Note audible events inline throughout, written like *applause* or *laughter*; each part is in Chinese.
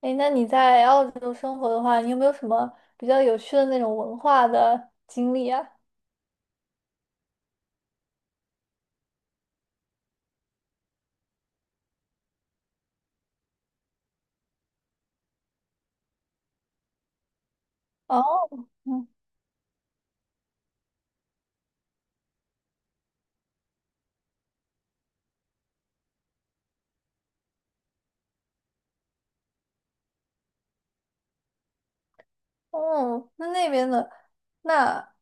哎，那你在澳洲生活的话，你有没有什么比较有趣的那种文化的经历啊？哦，嗯，哦，那那边的，那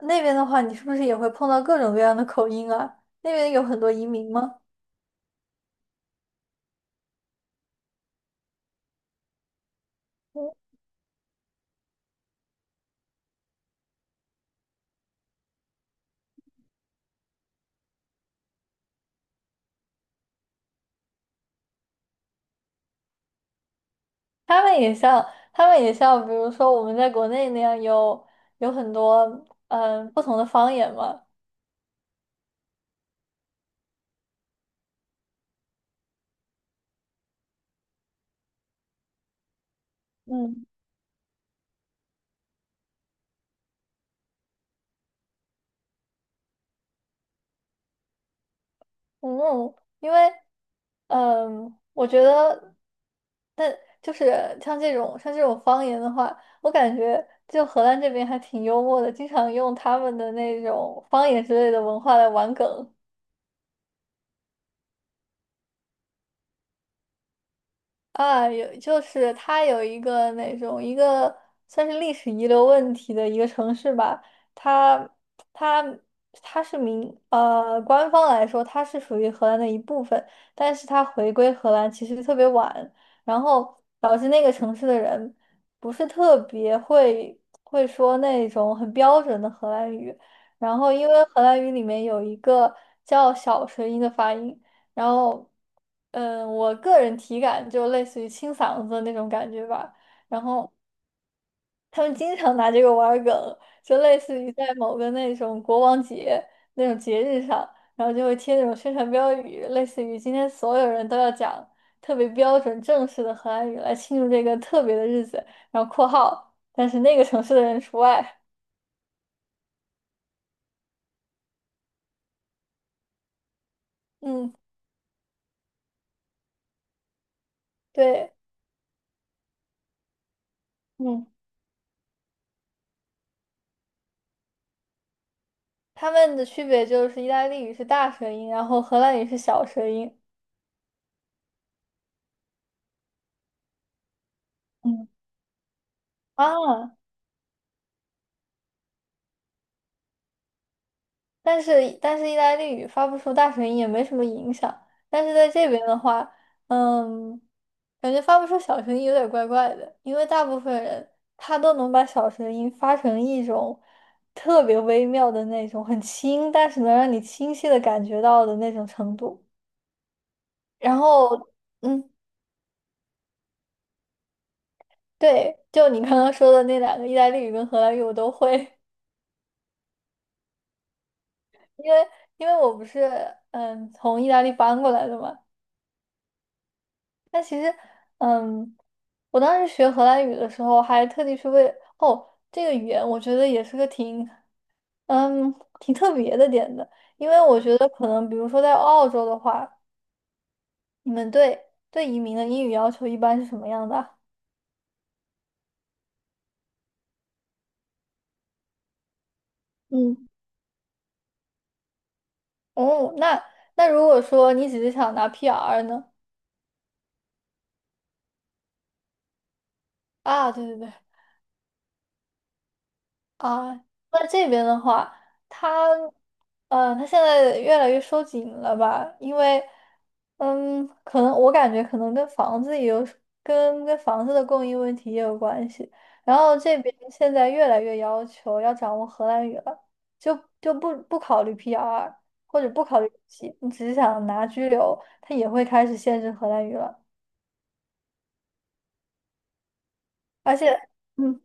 那边的话，你是不是也会碰到各种各样的口音啊？那边有很多移民吗？嗯，他们也像，他们也像，比如说我们在国内那样有很多不同的方言嘛。嗯嗯，因为嗯，我觉得。就是像这种方言的话，我感觉就荷兰这边还挺幽默的，经常用他们的那种方言之类的文化来玩梗。啊，有就是它有一个那种一个算是历史遗留问题的一个城市吧，它它它是官方来说它是属于荷兰的一部分，但是它回归荷兰其实特别晚，然后导致那个城市的人不是特别会说那种很标准的荷兰语，然后因为荷兰语里面有一个叫小舌音的发音。然后，嗯，我个人体感就类似于清嗓子的那种感觉吧。然后他们经常拿这个玩儿梗，就类似于在某个那种国王节那种节日上，然后就会贴那种宣传标语，类似于今天所有人都要讲特别标准正式的荷兰语来庆祝这个特别的日子，然后括号，但是那个城市的人除外。嗯，对，嗯，他们的区别就是意大利语是大舌音，然后荷兰语是小舌音。嗯啊。但是意大利语发不出大声音也没什么影响。但是在这边的话，嗯，感觉发不出小声音有点怪怪的，因为大部分人他都能把小声音发成一种特别微妙的那种，很轻，但是能让你清晰的感觉到的那种程度。然后，嗯，对，就你刚刚说的那两个意大利语跟荷兰语我都会，*laughs* 因为因为我不是从意大利搬过来的嘛。但其实，嗯，我当时学荷兰语的时候，还特地去这个语言，我觉得也是个嗯挺特别的点的，因为我觉得可能比如说在澳洲的话，你们对移民的英语要求一般是什么样的啊？嗯，哦，那那如果说你只是想拿 PR 呢？啊，对对对，啊，那这边的话，他，呃，他现在越来越收紧了吧？因为，嗯，可能我感觉可能跟房子也有，跟房子的供应问题也有关系。然后这边现在越来越要求要掌握荷兰语了，就不考虑 PR 或者不考虑国籍，你只是想拿拘留，他也会开始限制荷兰语了，而且。嗯。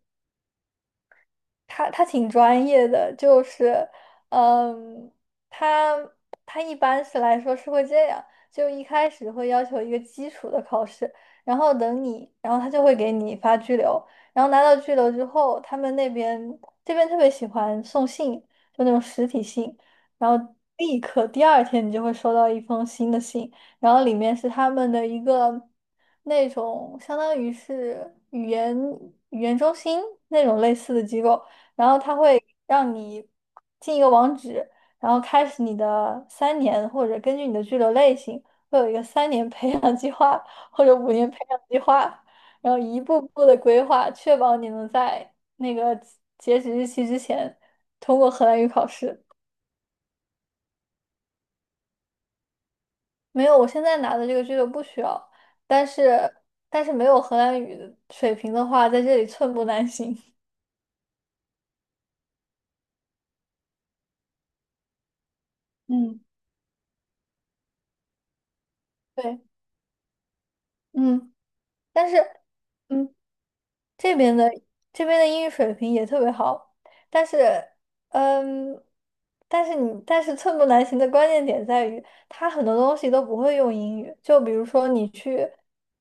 他挺专业的，就是，嗯，他他一般来说是会这样，就一开始会要求一个基础的考试，然后等你，然后他就会给你发拘留，然后拿到拘留之后，他们那边这边特别喜欢送信，就那种实体信，然后立刻第2天你就会收到一封新的信，然后里面是他们的一个那种相当于是语言中心那种类似的机构。然后它会让你进一个网址，然后开始你的三年，或者根据你的居留类型，会有一个三年培养计划或者5年培养计划，然后一步步的规划，确保你能在那个截止日期之前通过荷兰语考试。没有，我现在拿的这个居留不需要，但是没有荷兰语的水平的话，在这里寸步难行。嗯，对，嗯，但是。嗯。这边的这边的英语水平也特别好，但是，嗯，但是但是寸步难行的关键点在于，他很多东西都不会用英语，就比如说你去，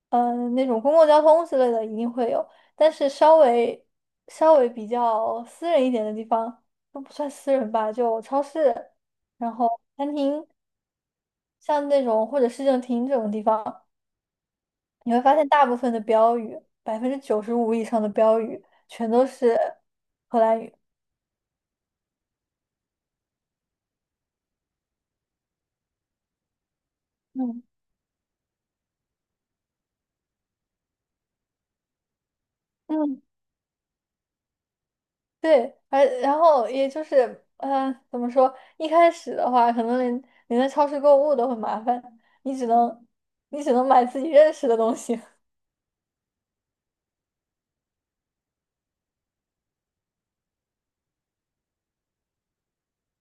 嗯，那种公共交通之类的一定会有，但是稍微比较私人一点的地方都不算私人吧，就超市，然后餐厅，像那种或者市政厅这种地方。你会发现大部分的标语，95%以上的标语全都是荷兰语。嗯嗯对，而然后也就是，呃，怎么说？一开始的话，可能连在超市购物都很麻烦，你只能你只能买自己认识的东西。*laughs*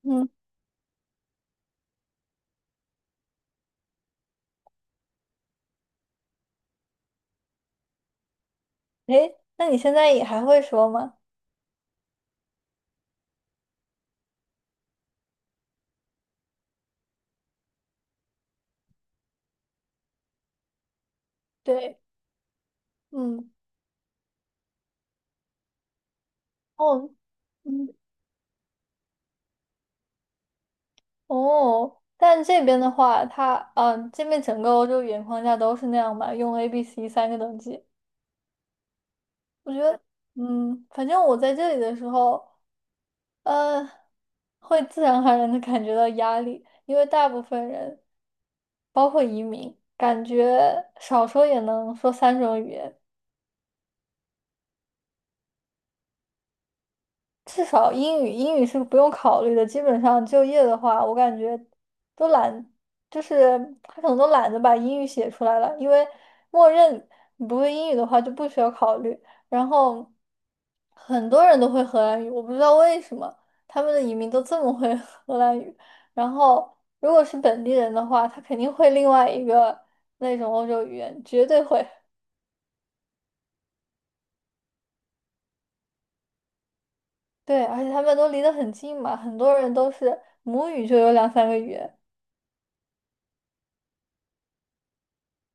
嗯，诶，那你现在也还会说吗？对，嗯，哦，嗯，哦，但这边的话，这边整个欧洲语言框架都是那样嘛，用 A、B、C 三个等级。嗯，反正我在这里的时候，呃，会自然而然的感觉到压力，因为大部分人，包括移民，感觉少说也能说3种语言，至少英语，英语是不用考虑的。基本上就业的话，我感觉都懒，就是他可能都懒得把英语写出来了，因为默认你不会英语的话就不需要考虑。然后很多人都会荷兰语，我不知道为什么他们的移民都这么会 *laughs* 荷兰语。然后如果是本地人的话，他肯定会另外一个那种欧洲语言，绝对会。对，而且他们都离得很近嘛，很多人都是母语就有两三个语言。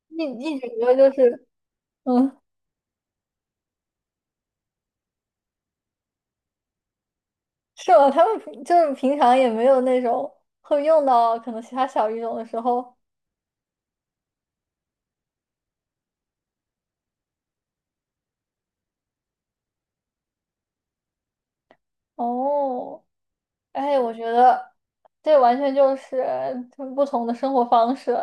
一一直觉得就是，嗯，是吧？他们就是平常也没有那种会用到可能其他小语种的时候。哦，哎，我觉得这完全就是不同的生活方式。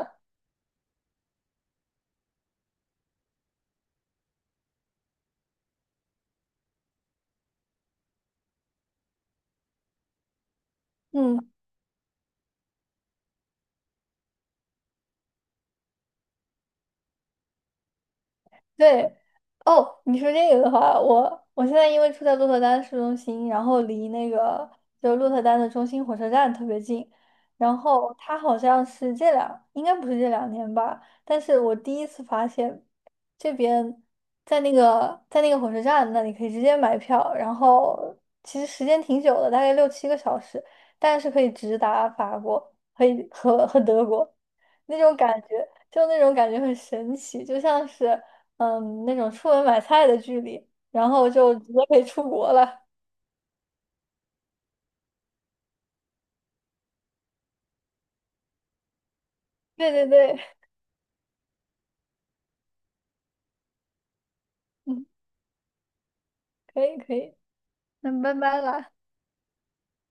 嗯。对，哦，你说这个的话，我现在因为住在鹿特丹市中心，然后离那个鹿特丹的中心火车站特别近，然后它好像是这两，应该不是这两年吧，但是我第1次发现这边在那个火车站那里可以直接买票，然后其实时间挺久的，大概六七个小时，但是可以直达法国，可以和德国。*laughs* 那种感觉，就那种感觉很神奇，就像是嗯那种出门买菜的距离，然后就直接可以出国了。对对对*laughs* 嗯，可以可以，那拜拜啦。